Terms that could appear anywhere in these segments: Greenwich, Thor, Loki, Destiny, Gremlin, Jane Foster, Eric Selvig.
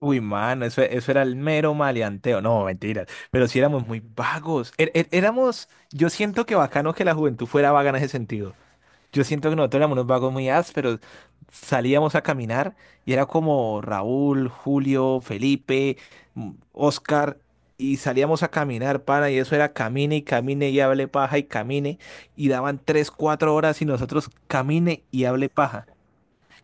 Uy, mano, eso era el mero maleanteo. No, mentiras. Pero sí éramos muy vagos. Éramos, yo siento que bacano que la juventud fuera vaga en ese sentido. Yo siento que nosotros éramos unos vagos muy ásperos. Salíamos a caminar y era como Raúl, Julio, Felipe, Oscar. Y salíamos a caminar, pana, y eso era camine y camine y hable paja y camine. Y daban tres, cuatro horas y nosotros camine y hable paja.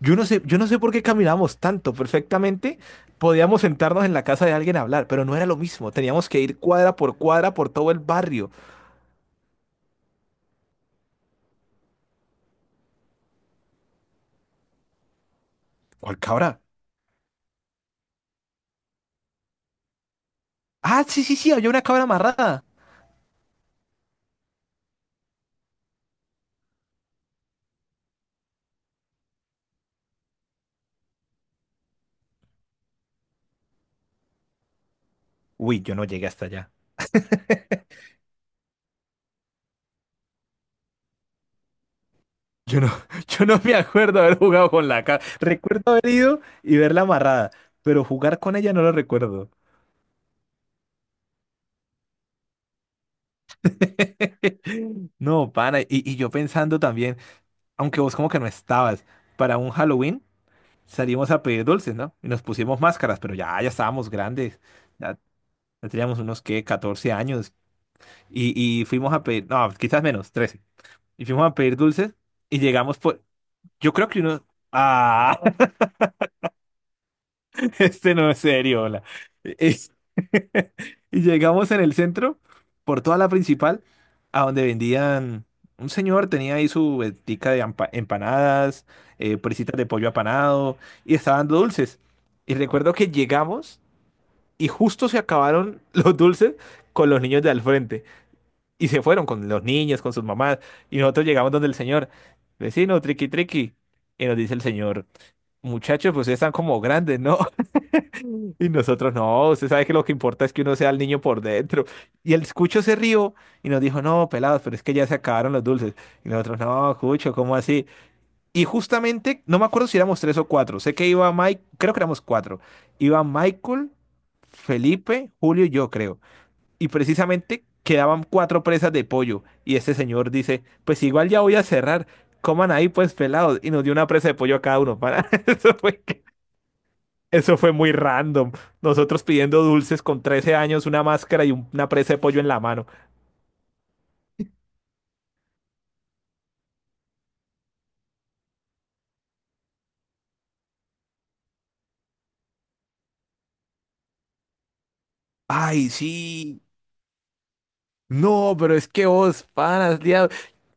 Yo no sé por qué caminamos tanto. Perfectamente podíamos sentarnos en la casa de alguien a hablar, pero no era lo mismo. Teníamos que ir cuadra por cuadra por todo el barrio. ¿Cuál cabra? Ah, sí, sí, sí, había una cabra amarrada. Uy, yo no llegué hasta allá. Yo no, yo no me acuerdo haber jugado con la cabra. Recuerdo haber ido y verla amarrada, pero jugar con ella no lo recuerdo. No, pana, y yo pensando también, aunque vos como que no estabas, para un Halloween. Salimos a pedir dulces, ¿no? Y nos pusimos máscaras, pero ya estábamos grandes. Ya, ya teníamos unos, ¿qué?, 14 años. Y, y fuimos a pedir, no, quizás menos, 13. Y fuimos a pedir dulces y llegamos por, yo creo que uno, ah, este no es serio, hola. Es- Y llegamos en el centro, por toda la principal, a donde vendían, un señor tenía ahí su ventica de empanadas, presitas de pollo apanado, y estaban dando dulces. Y recuerdo que llegamos y justo se acabaron los dulces con los niños de al frente. Y se fueron con los niños, con sus mamás. Y nosotros llegamos donde el señor, vecino, triqui, triqui. Y nos dice el señor, muchachos, pues ustedes están como grandes, ¿no? Y nosotros, no, usted sabe que lo que importa es que uno sea el niño por dentro. Y el cucho se rió y nos dijo, no, pelados, pero es que ya se acabaron los dulces. Y nosotros, no, cucho, ¿cómo así? Y justamente, no me acuerdo si éramos tres o cuatro. Sé que iba Mike, creo que éramos cuatro. Iba Michael, Felipe, Julio y yo, creo, y precisamente quedaban cuatro presas de pollo. Y este señor dice, pues igual ya voy a cerrar, coman ahí pues pelados. Y nos dio una presa de pollo a cada uno. Para... Eso fue muy random. Nosotros pidiendo dulces con 13 años, una máscara y una presa de pollo en la mano. Ay, sí. No, pero es que vos, panas, liado.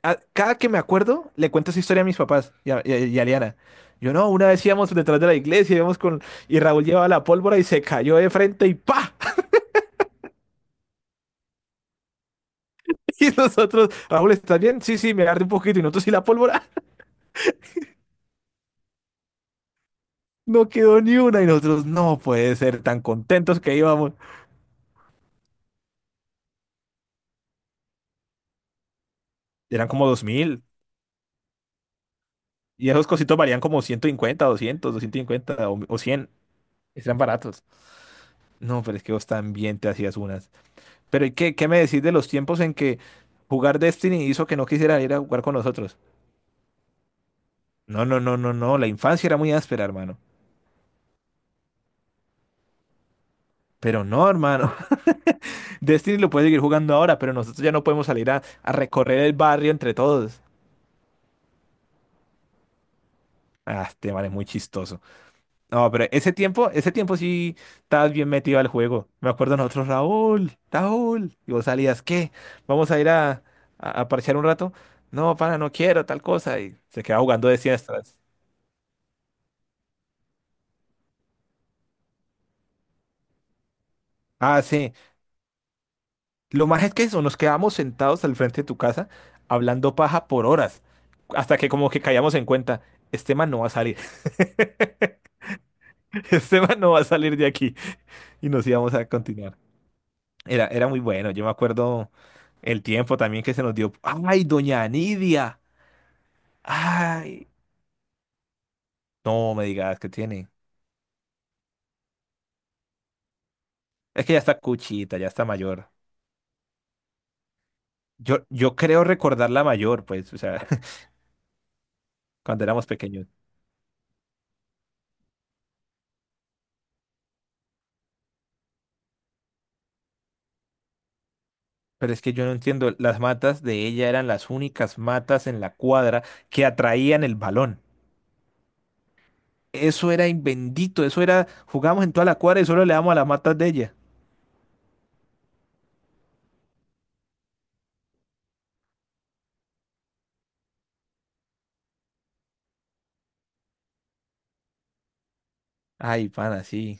A- cada que me acuerdo, le cuento esa historia a mis papás y a Liana. Yo no, una vez íbamos detrás de la iglesia, íbamos con... Y Raúl llevaba la pólvora y se cayó de frente y ¡pa! Y nosotros, Raúl, ¿estás bien? Sí, sí, me agarré un poquito y nosotros y la pólvora. No quedó ni una y nosotros, no puede ser, tan contentos que íbamos. Eran como 2000 y esos cositos valían como 150, 200, 250 o 100. Eran baratos. No, pero es que vos también te hacías unas. Pero ¿y qué me decís de los tiempos en que jugar Destiny hizo que no quisiera ir a jugar con nosotros? No, no, no, no, no. La infancia era muy áspera, hermano. Pero no, hermano. Destiny lo puede seguir jugando ahora, pero nosotros ya no podemos salir a recorrer el barrio entre todos. Ah, este man es muy chistoso. No, pero ese tiempo sí estabas bien metido al juego. Me acuerdo nosotros, Raúl, Raúl. Y vos salías, ¿qué? ¿Vamos a ir a parchear un rato? No, pana, no quiero, tal cosa. Y se quedaba jugando de siestas. Ah, sí. Lo más es que eso, nos quedábamos sentados al frente de tu casa hablando paja por horas. Hasta que como que caíamos en cuenta, este man no va a salir. Este man no va a salir de aquí. Y nos íbamos a continuar. Era, era muy bueno. Yo me acuerdo el tiempo también que se nos dio. ¡Ay, doña Nidia! ¡Ay! No me digas que tiene. Es que ya está cuchita, ya está mayor. Yo creo recordarla mayor, pues, o sea, cuando éramos pequeños. Pero es que yo no entiendo. Las matas de ella eran las únicas matas en la cuadra que atraían el balón. Eso era bendito, eso era, jugamos en toda la cuadra y solo le damos a las matas de ella. Ay, pana, sí.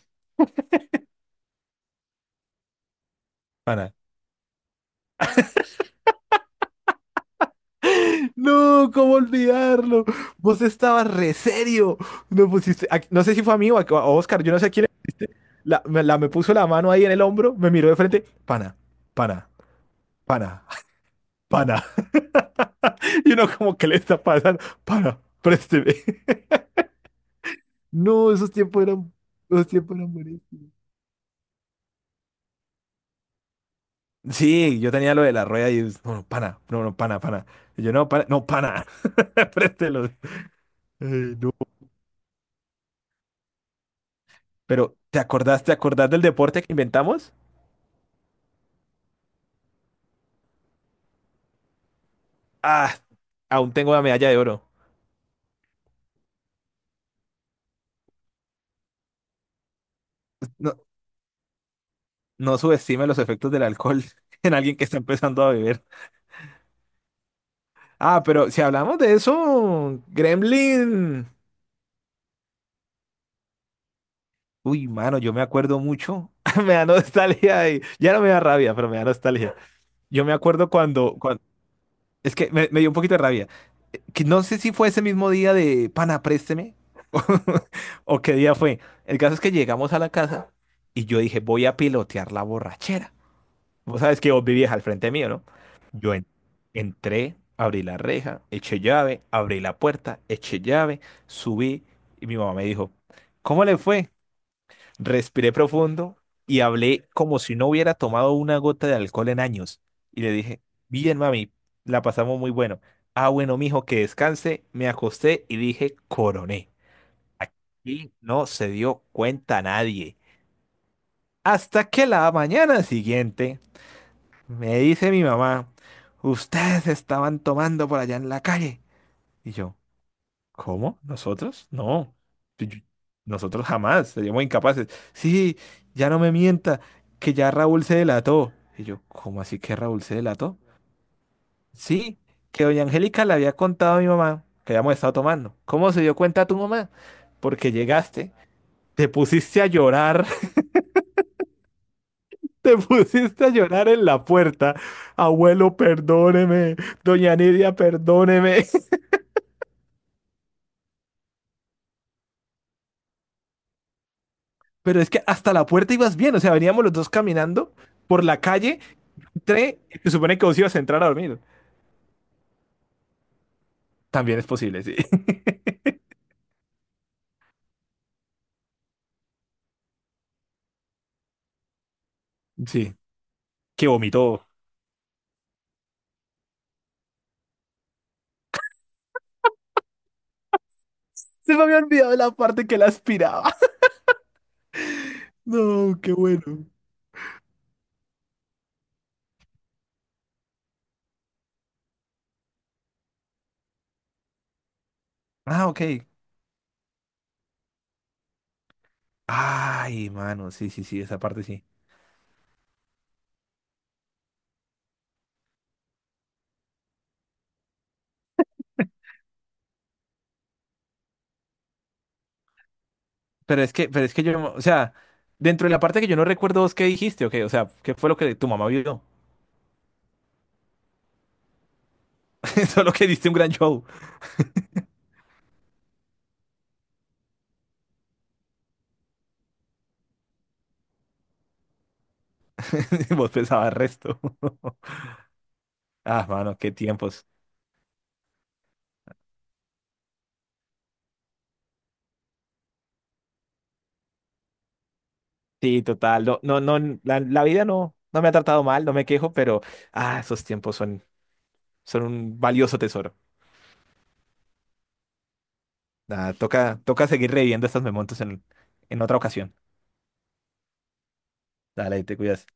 Pana, no, ¿cómo olvidarlo? Vos estabas re serio. No pusiste, a- no sé si fue a mí o a Oscar, yo no sé a quién le pusiste. Me puso la mano ahí en el hombro, me miró de frente, pana, pana, pana, pana. Y uno como, ¿qué le está pasando? Pana, présteme. No, esos tiempos eran buenísimos. Sí, yo tenía lo de la rueda y es, no, no, pana, no, no, pana, pana. Y yo, no, pana, no, pana, préstelo. Ay, no. Pero, ¿¿te acordás del deporte que inventamos? Ah, aún tengo la medalla de oro. No, no subestime los efectos del alcohol en alguien que está empezando a beber. Ah, pero si hablamos de eso, Gremlin. Uy, mano, yo me acuerdo mucho. Me da nostalgia y ya no me da rabia, pero me da nostalgia. Yo me acuerdo cuando... Es que me dio un poquito de rabia. Que no sé si fue ese mismo día de pana, présteme, o qué día fue. El caso es que llegamos a la casa y yo dije, voy a pilotear la borrachera. Vos sabes que vos vivías al frente mío, ¿no? Yo entré, abrí la reja, eché llave, abrí la puerta, eché llave, subí y mi mamá me dijo, ¿cómo le fue? Respiré profundo y hablé como si no hubiera tomado una gota de alcohol en años. Y le dije, bien, mami, la pasamos muy bueno. Ah, bueno, mijo, que descanse. Me acosté y dije, coroné. Aquí no se dio cuenta nadie. Hasta que la mañana siguiente... Me dice mi mamá, ustedes estaban tomando por allá en la calle. Y yo, ¿cómo? ¿Nosotros? No. Yo- yo- Nosotros jamás, seríamos incapaces. Sí, ya no me mienta, que ya Raúl se delató. Y yo, ¿cómo así que Raúl se delató? Sí, que doña Angélica le había contado a mi mamá que habíamos estado tomando. ¿Cómo se dio cuenta tu mamá? Porque llegaste, te pusiste a llorar. Te pusiste a llorar en la puerta. Abuelo, perdóneme. Doña Nidia, perdóneme. Pero es que hasta la puerta ibas bien. O sea, veníamos los dos caminando por la calle. Tre, se supone que vos ibas a entrar a dormir. También es posible, sí. Sí, que vomitó. Se me había olvidado la parte que la aspiraba. No, qué bueno. Ah, ok. Ay, mano, sí, sí, sí, esa parte sí. Pero es que yo, no- o sea, dentro de la parte que yo no recuerdo vos qué dijiste, ok, o sea, ¿qué fue lo que tu mamá vio? Solo que diste un gran show. Vos pensabas resto. Ah, mano, qué tiempos. Sí, total. No, no, no, la vida no, no me ha tratado mal, no me quejo, pero ah, esos tiempos son, son un valioso tesoro. Nada, toca, toca seguir reviviendo estos momentos en otra ocasión. Dale, te cuidas.